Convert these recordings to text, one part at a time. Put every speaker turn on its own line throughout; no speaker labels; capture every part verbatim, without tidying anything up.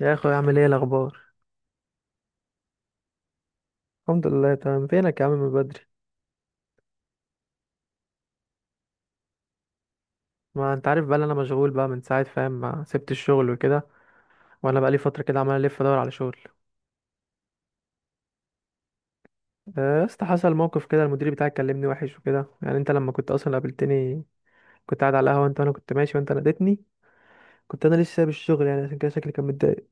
يا اخوي، عامل ايه الاخبار؟ الحمد لله تمام. فينك يا عم من بدري؟ ما انت عارف بقى إن انا مشغول بقى من ساعه، فاهم؟ ما سبت الشغل وكده. وانا بقى لي فتره كده عمال الف ادور على شغل. آه، يا اسطى حصل موقف كده، المدير بتاعي كلمني وحش وكده، يعني انت لما كنت اصلا قابلتني كنت قاعد على القهوه، انت وانا كنت ماشي وانت ناديتني، كنت انا لسه سايب الشغل يعني، عشان كده شكلي كان متضايق.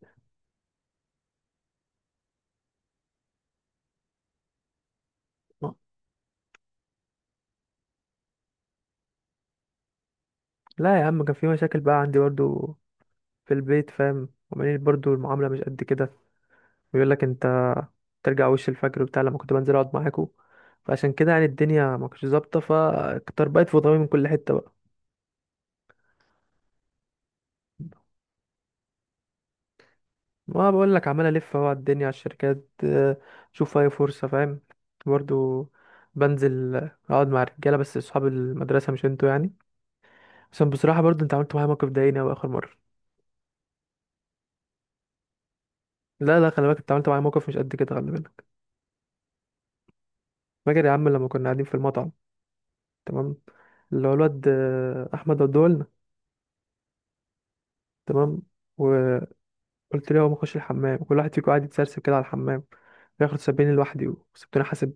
لا يا عم، كان في مشاكل بقى عندي برضو في البيت، فاهم؟ وعمالين برضو المعامله مش قد كده، بيقول لك انت ترجع وش الفجر وبتاع لما كنت بنزل اقعد معاكوا، فعشان كده يعني الدنيا ما كانتش ظابطه، فطربقت في ضمي من كل حته بقى. ما بقول لك عمال الف اهو على الدنيا على الشركات، اه، اشوف اي فرصه، فاهم؟ برضو بنزل، آه، اقعد مع الرجاله، بس اصحاب المدرسه مش انتوا يعني، عشان بصراحه برضو انت عملت معايا موقف ضايقني اوي اخر مره. لا لا، خلي بالك، انت عملت معايا موقف مش قد كده، خلي بالك. فاكر يا عم لما كنا قاعدين في المطعم؟ تمام، اللي هو الواد آه، احمد ودولنا، تمام، و قلت ليه هو بخش الحمام وكل واحد فيكم قاعد يتسرسب كده على الحمام، بياخد سبعين لوحدي وسبتوني حاسب.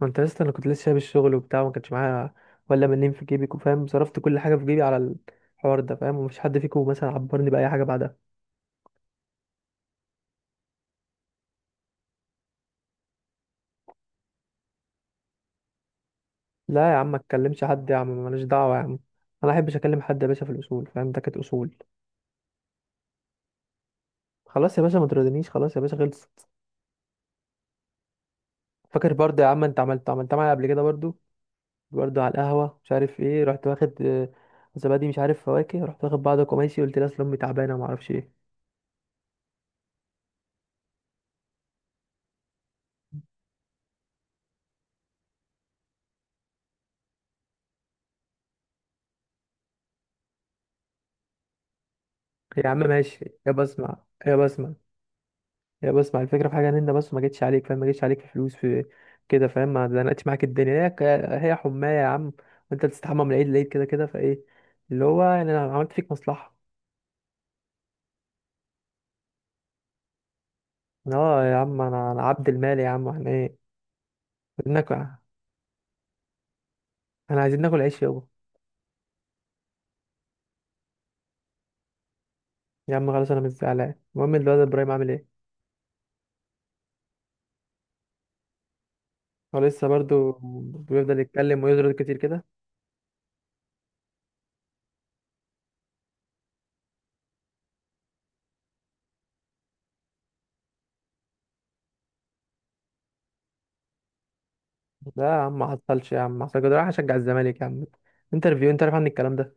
ما انت لسه، انا كنت لسه شايل الشغل وبتاع وما كانش معايا ولا منين في جيبي، فاهم؟ صرفت كل حاجه في جيبي على الحوار ده، فاهم؟ ومفيش حد فيكم مثلا عبرني باي حاجه بعدها. لا يا عم، ما تكلمش حد يا عم، ماليش دعوه يا عم، انا ما احبش اكلم حد يا باشا، في الاصول، فاهم؟ ده كانت اصول. خلاص يا باشا، ما تردنيش، خلاص يا باشا، خلصت. فاكر برضه يا عم، انت عملت عملت معايا قبل كده برضه، برضه على القهوة، مش عارف ايه، رحت واخد آه، زبادي، مش عارف فواكه، رحت واخد بعضك وماشي، قلت لها اصل امي تعبانة وما اعرفش ايه. يا عم ماشي، يا بسمع، يا بسمع، يا بسمع، الفكرة في حاجة، ان انت بس ما جيتش عليك، فاهم؟ ما جيتش عليك في فلوس في كده، فاهم؟ ما زنقتش معاك الدنيا، هي ك- هي حماية يا عم. وانت بتستحمى من العيد للعيد كده كده، فايه اللي هو يعني انا عملت فيك مصلحة؟ اه يا عم، انا انا عبد المال يا عم، احنا ايه، بدنا ناكل، احنا عايزين ناكل عيش يابا. يا عم خلاص، انا مش زعلان. المهم، الواد ابراهيم عامل ايه؟ هو لسه برضو بيفضل يتكلم ويزرد كتير كده؟ لا يا عم ما حصلش يا عم، ما حصلش كده، راح اشجع الزمالك يا عم. انترفيو انت عارف عن الكلام ده؟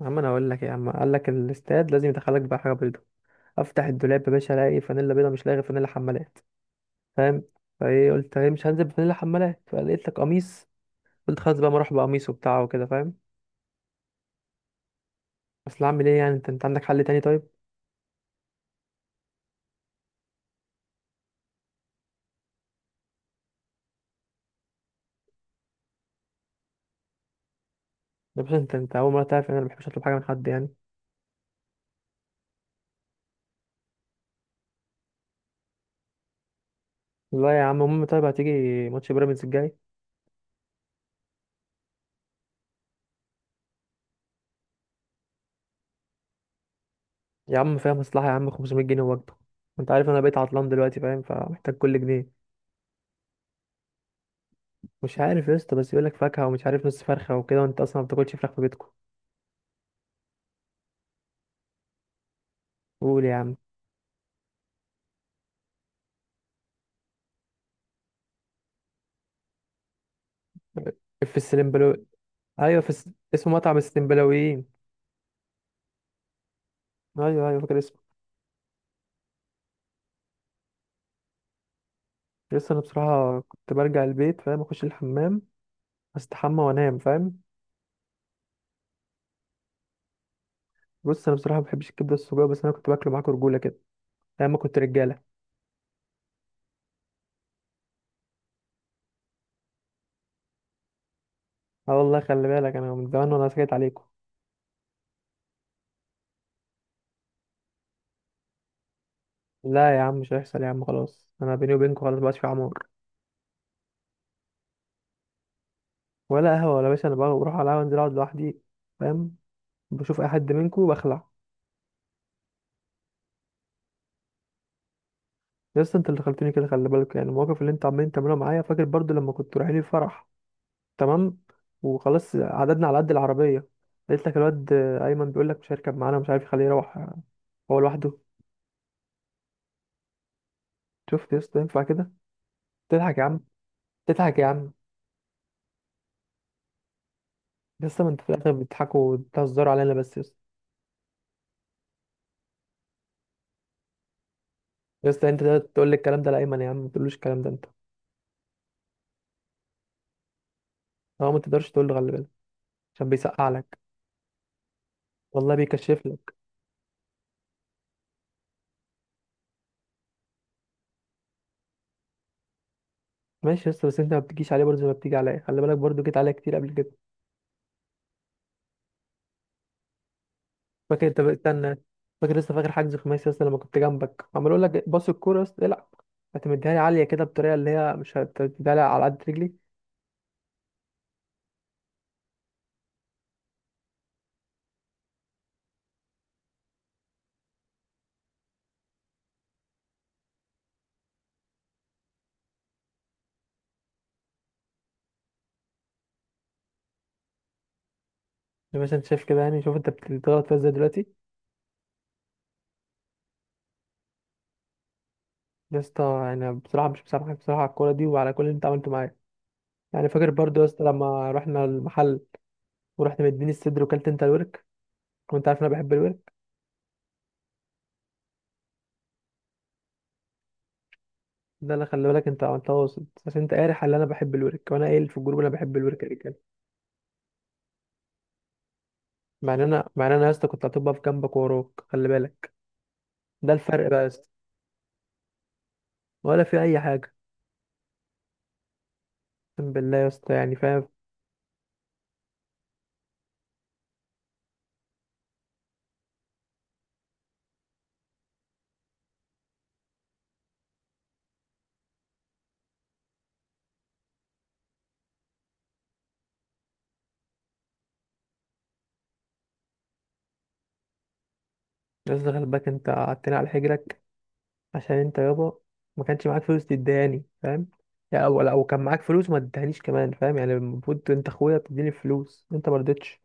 يا عم انا هقول لك إيه يا عم، قال لك الاستاد لازم يدخلك بقى حاجه بيضه، افتح الدولاب يا باشا الاقي فانيلا بيضه، مش لاقي غير فانيلا حمالات، فاهم؟ فايه، قلت ايه، مش هنزل بفانيلا حمالات، فلقيت لك قميص، قلت خلاص بقى ما اروح بقميص وبتاع وكده، فاهم؟ اصل اعمل ايه يعني، انت انت عندك حل تاني طيب؟ يا باشا انت انت اول مره تعرف ان انا ما بحبش اطلب حاجه من حد يعني. لا يا عم. المهم، طيب هتيجي ماتش بيراميدز الجاي؟ يا عم فيها مصلحة يا عم، خمسمائة جنيه وجبة. انت عارف انا بقيت عطلان دلوقتي، فاهم؟ فمحتاج كل جنيه. مش عارف يا اسطى، بس يقولك فاكهة ومش عارف نص فرخة وكده، وانت اصلا ما بتاكلش فراخ في بيتكم. قول يا عم. في السلمبلو. ايوه، في الس... اسمه مطعم السلمبلاويين. ايوه ايوه، فاكر اسمه. لسه انا بصراحة كنت برجع البيت، فاهم؟ اخش الحمام، استحمى وانام، فاهم؟ بص، انا بصراحة ما بحبش الكبدة السجق، بس انا كنت باكله معاكم رجولة كده، ايام ما كنت رجالة. اه والله، خلي بالك، انا من زمان وانا سكت عليكم. لا يا عم مش هيحصل يا عم، خلاص، انا بيني وبينكم خلاص، مبقاش في عمار. ولا قهوه ولا باشا، انا بقى بروح على القهوه، انزل اقعد لوحدي، فاهم؟ بشوف اي حد منكم بخلع. يا اسطى انت اللي خلتني كده، خلي بالك، يعني المواقف اللي انت عمالين تعملوها معايا. فاكر برضو لما كنت رايحين الفرح؟ تمام، وخلاص عددنا على قد العربيه، لقيت لك الواد ايمن بيقول لك مش هيركب معانا، ومش عارف يخليه يروح هو لوحده. شفت يا اسطى ينفع كده؟ تضحك يا عم، تضحك يا عم. يا اسطى ما انت في الاخر بتضحكوا وبتهزروا علينا بس يا اسطى. يا اسطى انت ده تقول لي الكلام ده لايمن؟ يا عم ما تقولوش الكلام ده انت. هو ما تقدرش تقول له، خلي بالك، عشان بيسقع لك، والله بيكشف لك. ماشي يا اسطى، بس انت ما بتجيش عليه برضه زي ما بتيجي عليا، خلي بالك برضه جيت عليا كتير قبل كده. فاكر انت بقى- استنى، فاكر؟ لسه فاكر حجز خماسي يا اسطى، لما كنت جنبك عمال اقول لك باص الكوره يا اسطى، العب، هتمديها لي عاليه كده بطريقه اللي هي مش هتديها لي على قد رجلي. زي ما انت شايف كده يعني، شوف انت بتغلط فيها ازاي دلوقتي. يا اسطى، انا بصراحه مش مسامحك بصراحه على الكوره دي وعلى كل اللي انت عملته معايا. يعني فاكر برضه يا اسطى لما رحنا المحل، ورحت مديني الصدر وكلت انت الورك، وانت عارف إن انا بحب الورك. ده اللي خلي بالك انت عملتها وسط، عشان انت قارح اللي انا بحب الورك، وانا قايل في الجروب انا بحب الورك. مع ان انا مع ان انا يا اسطى كنت هتبقى في جنبك وراك، خلي بالك، ده الفرق بقى يا اسطى. ولا في اي حاجه. اقسم بالله يا اسطى، يعني فاهم؟ يا اسطى خلي بالك، انت قعدتني على حجرك عشان انت يابا ما كانش معاك فلوس تديهاني، فاهم؟ يا او لو كان معاك فلوس ما تديهانيش كمان، فام، يعني المفروض انت اخويا تديني فلوس، انت ما رضيتش.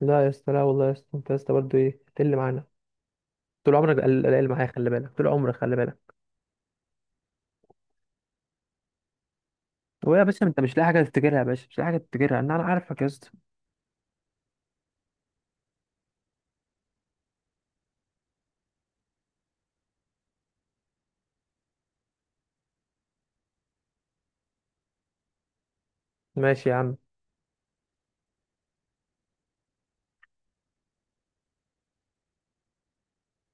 لا يا اسطى، لا والله يا اسطى، انت يا اسطى برضه ايه تقل معانا، طول عمرك قل- قلقان معايا، خلي بالك، طول عمرك خلي بالك. ويا باشا انت مش لاقي حاجه تفتكرها، يا باشا مش لاقي حاجه تفتكرها، انا انا عارفك يا اسطى. ماشي يا عم.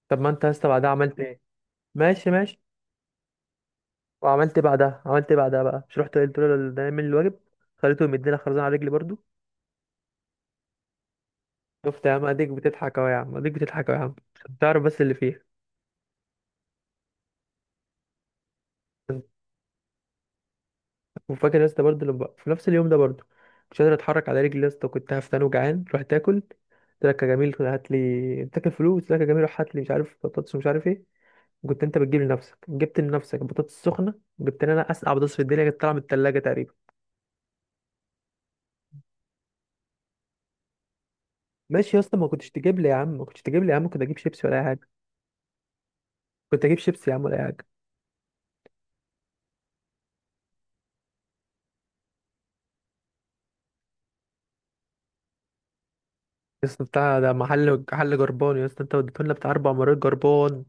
طب ما انت يا اسطى بعدها عملت ايه؟ ماشي ماشي، وعملت إيه بعدها؟ عملت إيه بعدها بقى؟ مش رحت قلت له ده نعمل الواجب، خليته يمدينا خرزانة على رجلي برضو. شفت يا عم اديك بتضحك اهو يا عم، اديك بتضحك اهو يا عم، عشان تعرف بس اللي فيها. وفاكر يا اسطى برضه لما في نفس اليوم ده برضه، مش قادر اتحرك على رجلي يا اسطى، كنت هفتان وجعان، رحت اكل. قلت لك يا جميل هات لي، انت تاكل فلوس، قلت لك يا جميل روح هات لي مش عارف بطاطس ومش عارف ايه، وكنت انت بتجيب لنفسك، جبت لنفسك بطاطس سخنه، جبت لي انا اسقع بطاطس في الدنيا، كانت طالعه من الثلاجه تقريبا. ماشي يا اسطى، ما كنتش تجيب لي يا عم، ما كنتش تجيب لي يا عم، كنت اجيب شيبسي ولا اي حاجه، كنت اجيب شيبسي يا عم ولا اي حاجه. يسطا بتاع ده محل محل جربان يا اسطى، انت وديته لنا بتاع اربع مرات جربان.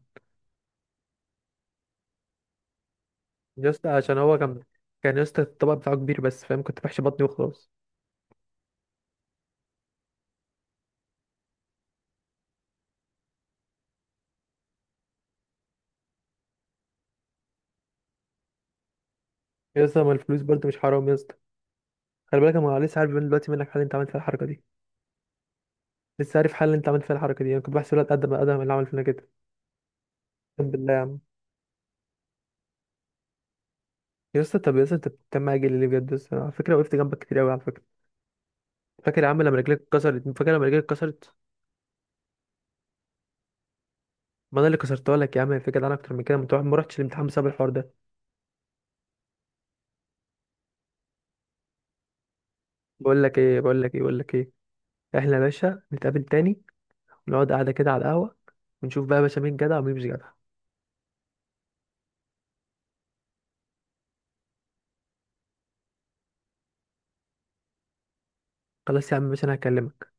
يا اسطى عشان هو كان، كان يا اسطى الطبق بتاعه كبير بس، فاهم؟ كنت بحشي بطني وخلاص. يا اسطى ما الفلوس برضه مش حرام يا اسطى؟ خلي بالك انا لسه عارف من دلوقتي منك حل انت عملت فيها الحركه دي. لسه عارف حل انت عملت فيها الحركه دي، انا كنت بحسب الواد قد ما قدم اللي عمل فينا كده. اقسم بالله يا عم. يا اسطى طب يا اسطى انت بتتكلم معايا جيلي ليه بجد يا اسطى؟ على فكره وقفت جنبك كتير قوي على فكره. فاكر يا عم لما رجلك اتكسرت؟ فاكر لما رجلك اتكسرت؟ ما انا اللي كسرتها لك يا عم الفكره، ده انا اكتر من كده، ما تروح- ما رحتش الامتحان بسبب الحوار ده. بقول لك ايه، بقول لك ايه، بقول لك ايه، احنا يا باشا نتقابل تاني، ونقعد قعدة كده على القهوة، ونشوف بقى يا باشا مين جدع ومين مش جدع. خلاص يا عم باشا، انا هكلمك.